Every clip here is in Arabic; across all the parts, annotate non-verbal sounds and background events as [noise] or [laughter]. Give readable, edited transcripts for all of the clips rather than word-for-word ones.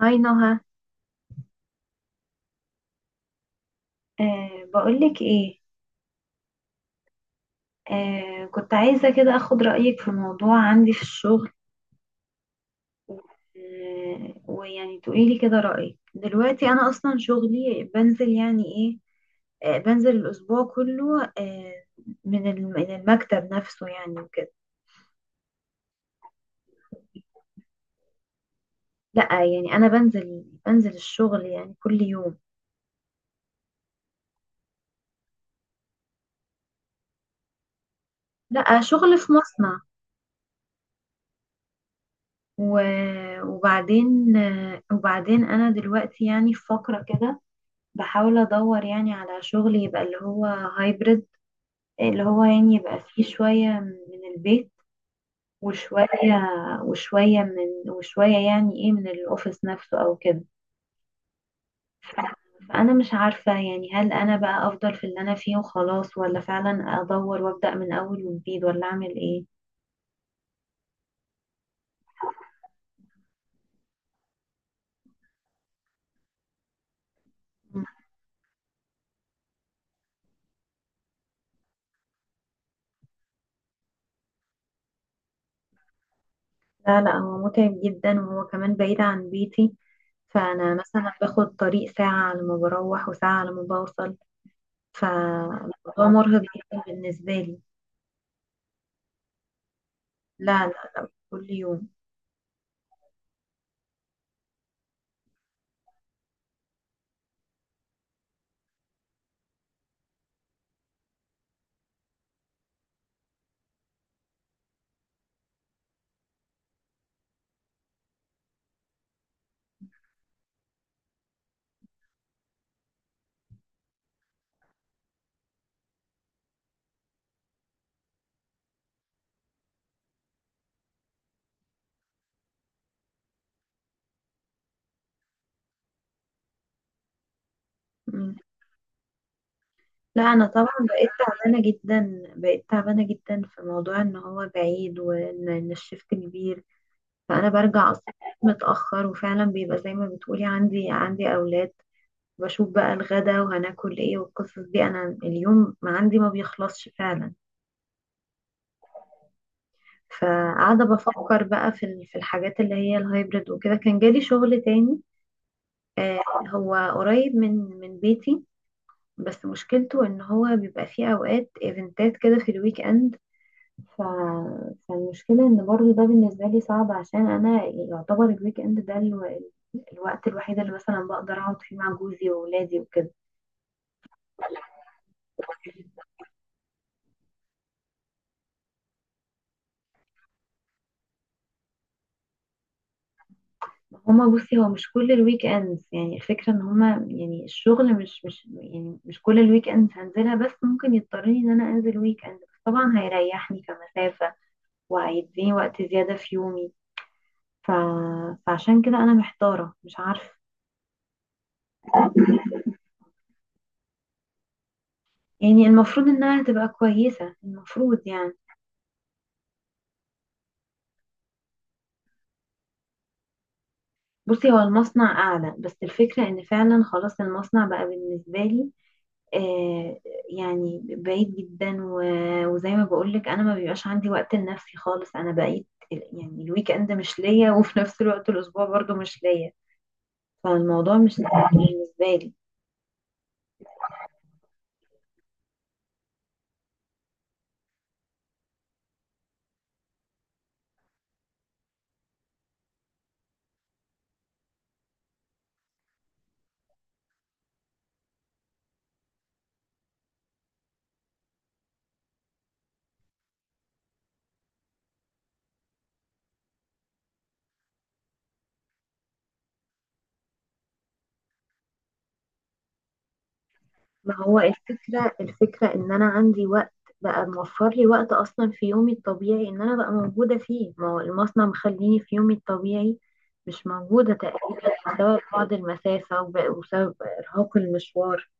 هاي نهى. بقولك ايه؟ كنت عايزة كده اخد رأيك في موضوع عندي في الشغل. ويعني تقوليلي كده رأيك، دلوقتي انا اصلا شغلي بنزل يعني ايه، بنزل الاسبوع كله من المكتب نفسه يعني وكده. لا يعني انا بنزل الشغل يعني كل يوم. لا، شغل في مصنع. وبعدين وبعدين انا دلوقتي يعني في فقرة كده، بحاول ادور يعني على شغل يبقى اللي هو هايبرد، اللي هو يعني يبقى فيه شوية من البيت، وشوية، وشوية من وشوية يعني ايه من الاوفيس نفسه او كده. فانا مش عارفة يعني هل انا بقى افضل في اللي انا فيه وخلاص، ولا فعلا ادور وابدأ من اول وجديد، ولا اعمل ايه؟ لا لا، هو متعب جدا وهو كمان بعيد عن بيتي. فانا مثلا باخد طريق ساعة على ما بروح وساعة على ما بوصل. فالموضوع مرهق جدا بالنسبة لي. لا، كل يوم. مم. لا، انا طبعا بقيت تعبانه جدا، بقيت تعبانه جدا في موضوع ان هو بعيد، وان إن الشفت كبير. فانا برجع اصلا متاخر، وفعلا بيبقى زي ما بتقولي عندي اولاد، بشوف بقى الغدا وهناكل ايه والقصص دي. انا اليوم ما عندي ما بيخلصش فعلا. فقاعده بفكر بقى في في الحاجات اللي هي الهايبرد وكده. كان جالي شغل تاني، آه، هو قريب من بيتي، بس مشكلته ان هو بيبقى فيه اوقات ايفنتات كده في الويك اند. ف... فالمشكلة ان برضو ده بالنسبة لي صعب، عشان انا يعتبر الويك اند ده الوقت الوحيد اللي مثلا بقدر اقعد فيه مع جوزي واولادي وكده. هما بصي، هو مش كل الويك اندز، يعني الفكرة ان هما يعني الشغل مش يعني مش كل الويك اندز هنزلها، بس ممكن يضطرني ان انا انزل ويك اند، بس طبعا هيريحني كمسافة وهيديني وقت زيادة في يومي. ف... فعشان كده انا محتارة مش عارفة. يعني المفروض انها تبقى كويسة، المفروض يعني. بصي، هو المصنع اعلى، بس الفكرة ان فعلا خلاص المصنع بقى بالنسبة لي، آه، يعني بعيد جدا، وزي ما بقولك انا ما بيبقاش عندي وقت لنفسي خالص. انا بقيت يعني الويك اند مش ليا، وفي نفس الوقت الاسبوع برضو مش ليا. فالموضوع مش سهل بالنسبة لي. ما هو الفكرة، الفكرة ان انا عندي وقت بقى، موفر لي وقت اصلا في يومي الطبيعي ان انا بقى موجودة فيه. ما هو المصنع مخليني في يومي الطبيعي مش موجودة تقريبا، بسبب بعد المسافة وبسبب ارهاق المشوار.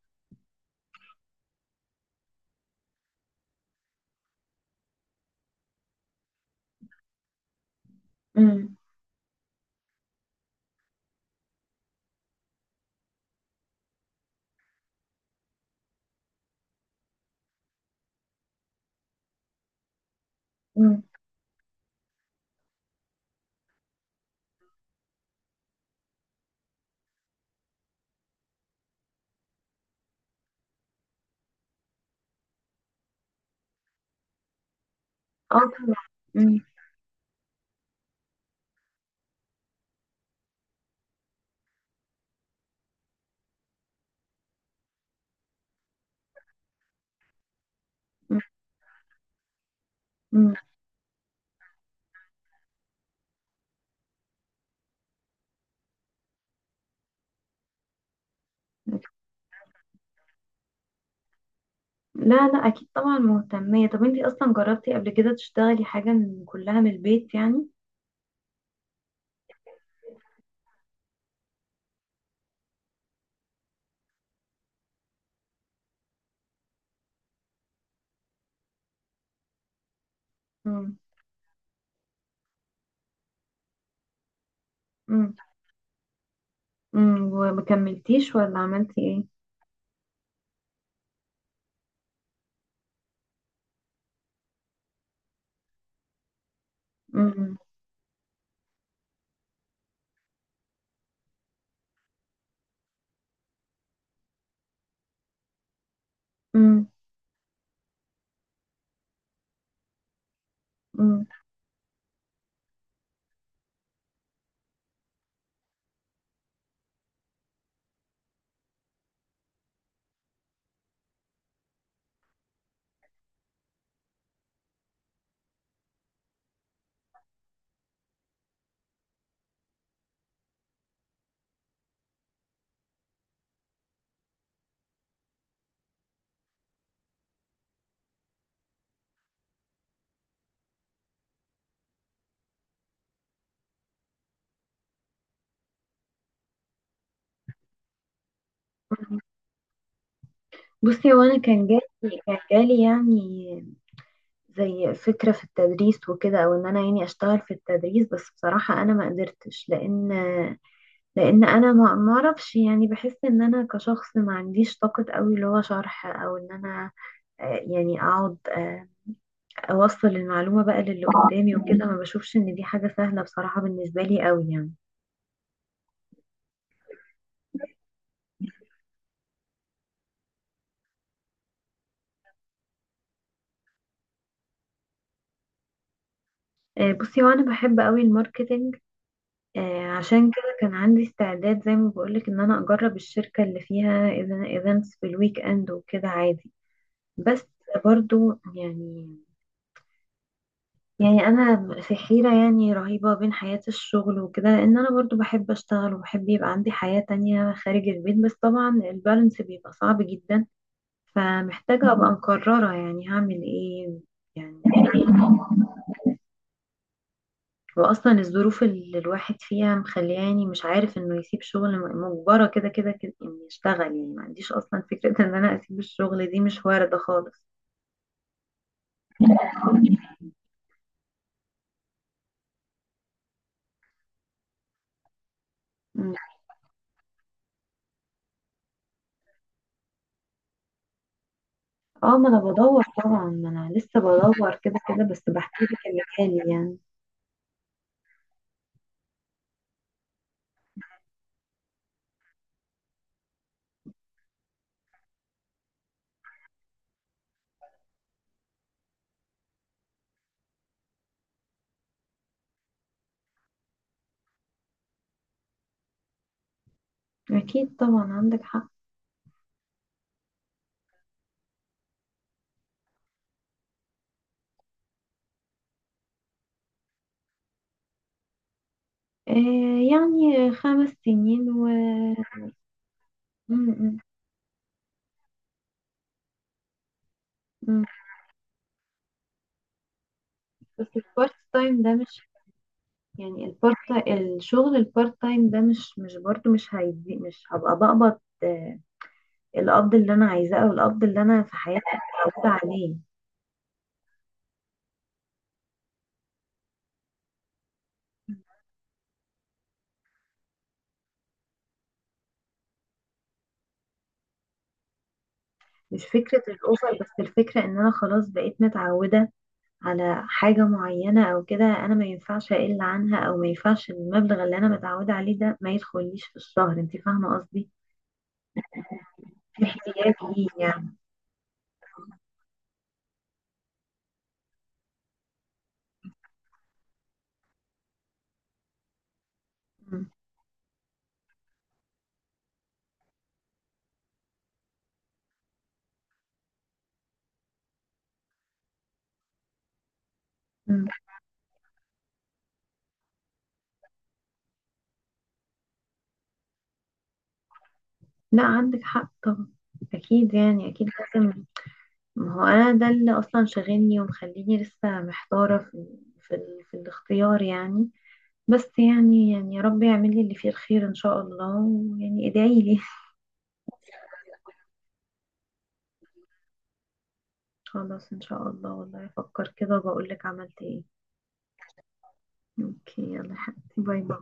مم. مم. اه طبعا. مم. مم. مم. لا لا، اكيد طبعا مهتمية. طب انتي اصلا جربتي قبل كده تشتغلي حاجة كلها من البيت يعني؟ مم. مم. مم. ومكملتيش ولا عملتي ايه؟ مم. مم. مم. بصي، وانا كان جالي كان جالي يعني زي فكرة في التدريس وكده، او ان انا يعني اشتغل في التدريس. بس بصراحة انا ما قدرتش، لان لان انا ما اعرفش، يعني بحس ان انا كشخص ما عنديش طاقة قوي اللي هو شرح، او ان انا، آه، يعني اقعد، آه، اوصل المعلومة بقى للي قدامي وكده. ما بشوفش ان دي حاجة سهلة بصراحة بالنسبة لي قوي يعني. آه، بصي وانا بحب قوي الماركتنج. آه، عشان كده كان عندي استعداد زي ما بقولك ان انا اجرب الشركة اللي فيها ايفنتس في الويك اند وكده عادي. بس برضو يعني، انا في حيرة يعني رهيبة بين حياة الشغل وكده، لان انا برضو بحب اشتغل وبحب يبقى عندي حياة تانية خارج البيت، بس طبعا البالانس بيبقى صعب جدا. فمحتاجة ابقى مقررة يعني هعمل ايه يعني. واصلا الظروف اللي الواحد فيها مخلياني مش عارف انه يسيب شغل، مجبرة كده كده كده اني اشتغل يعني. ما عنديش اصلا فكرة ان انا اسيب الشغل دي، مش واردة خالص. مم. اه، ما انا بدور طبعا، ما انا لسه بدور كده كده، بس بحكي لك اللي حالي يعني. اكيد طبعا عندك حق. آه يعني 5 سنين و م- م- م. بس البارت تايم ده مش، يعني البارت الشغل البارت تايم ده مش برضو مش هيدي مش هبقى بقبض الاب اللي انا عايزاه، او الاب اللي انا في حياتي متعوده عليه. مش فكره الاسر، بس الفكره ان انا خلاص بقيت متعوده على حاجه معينه او كده. انا ما ينفعش اقل عنها، او ما ينفعش المبلغ اللي انا متعوده عليه ده ما يدخليش في الشهر. انت فاهمه قصدي؟ في احتياج ليه يعني. م- م. لا عندك حق طبعا. اكيد يعني، اكيد لازم. ما هو انا ده اللي اصلا شاغلني ومخليني لسه محتاره في، في الاختيار يعني. بس يعني، يا رب يعمل لي اللي فيه الخير ان شاء الله، ويعني ادعي لي. [laughs] خلاص ان شاء الله، والله افكر كده وبقول لك عملت ايه. اوكي يلا يا حبيبتي، باي باي.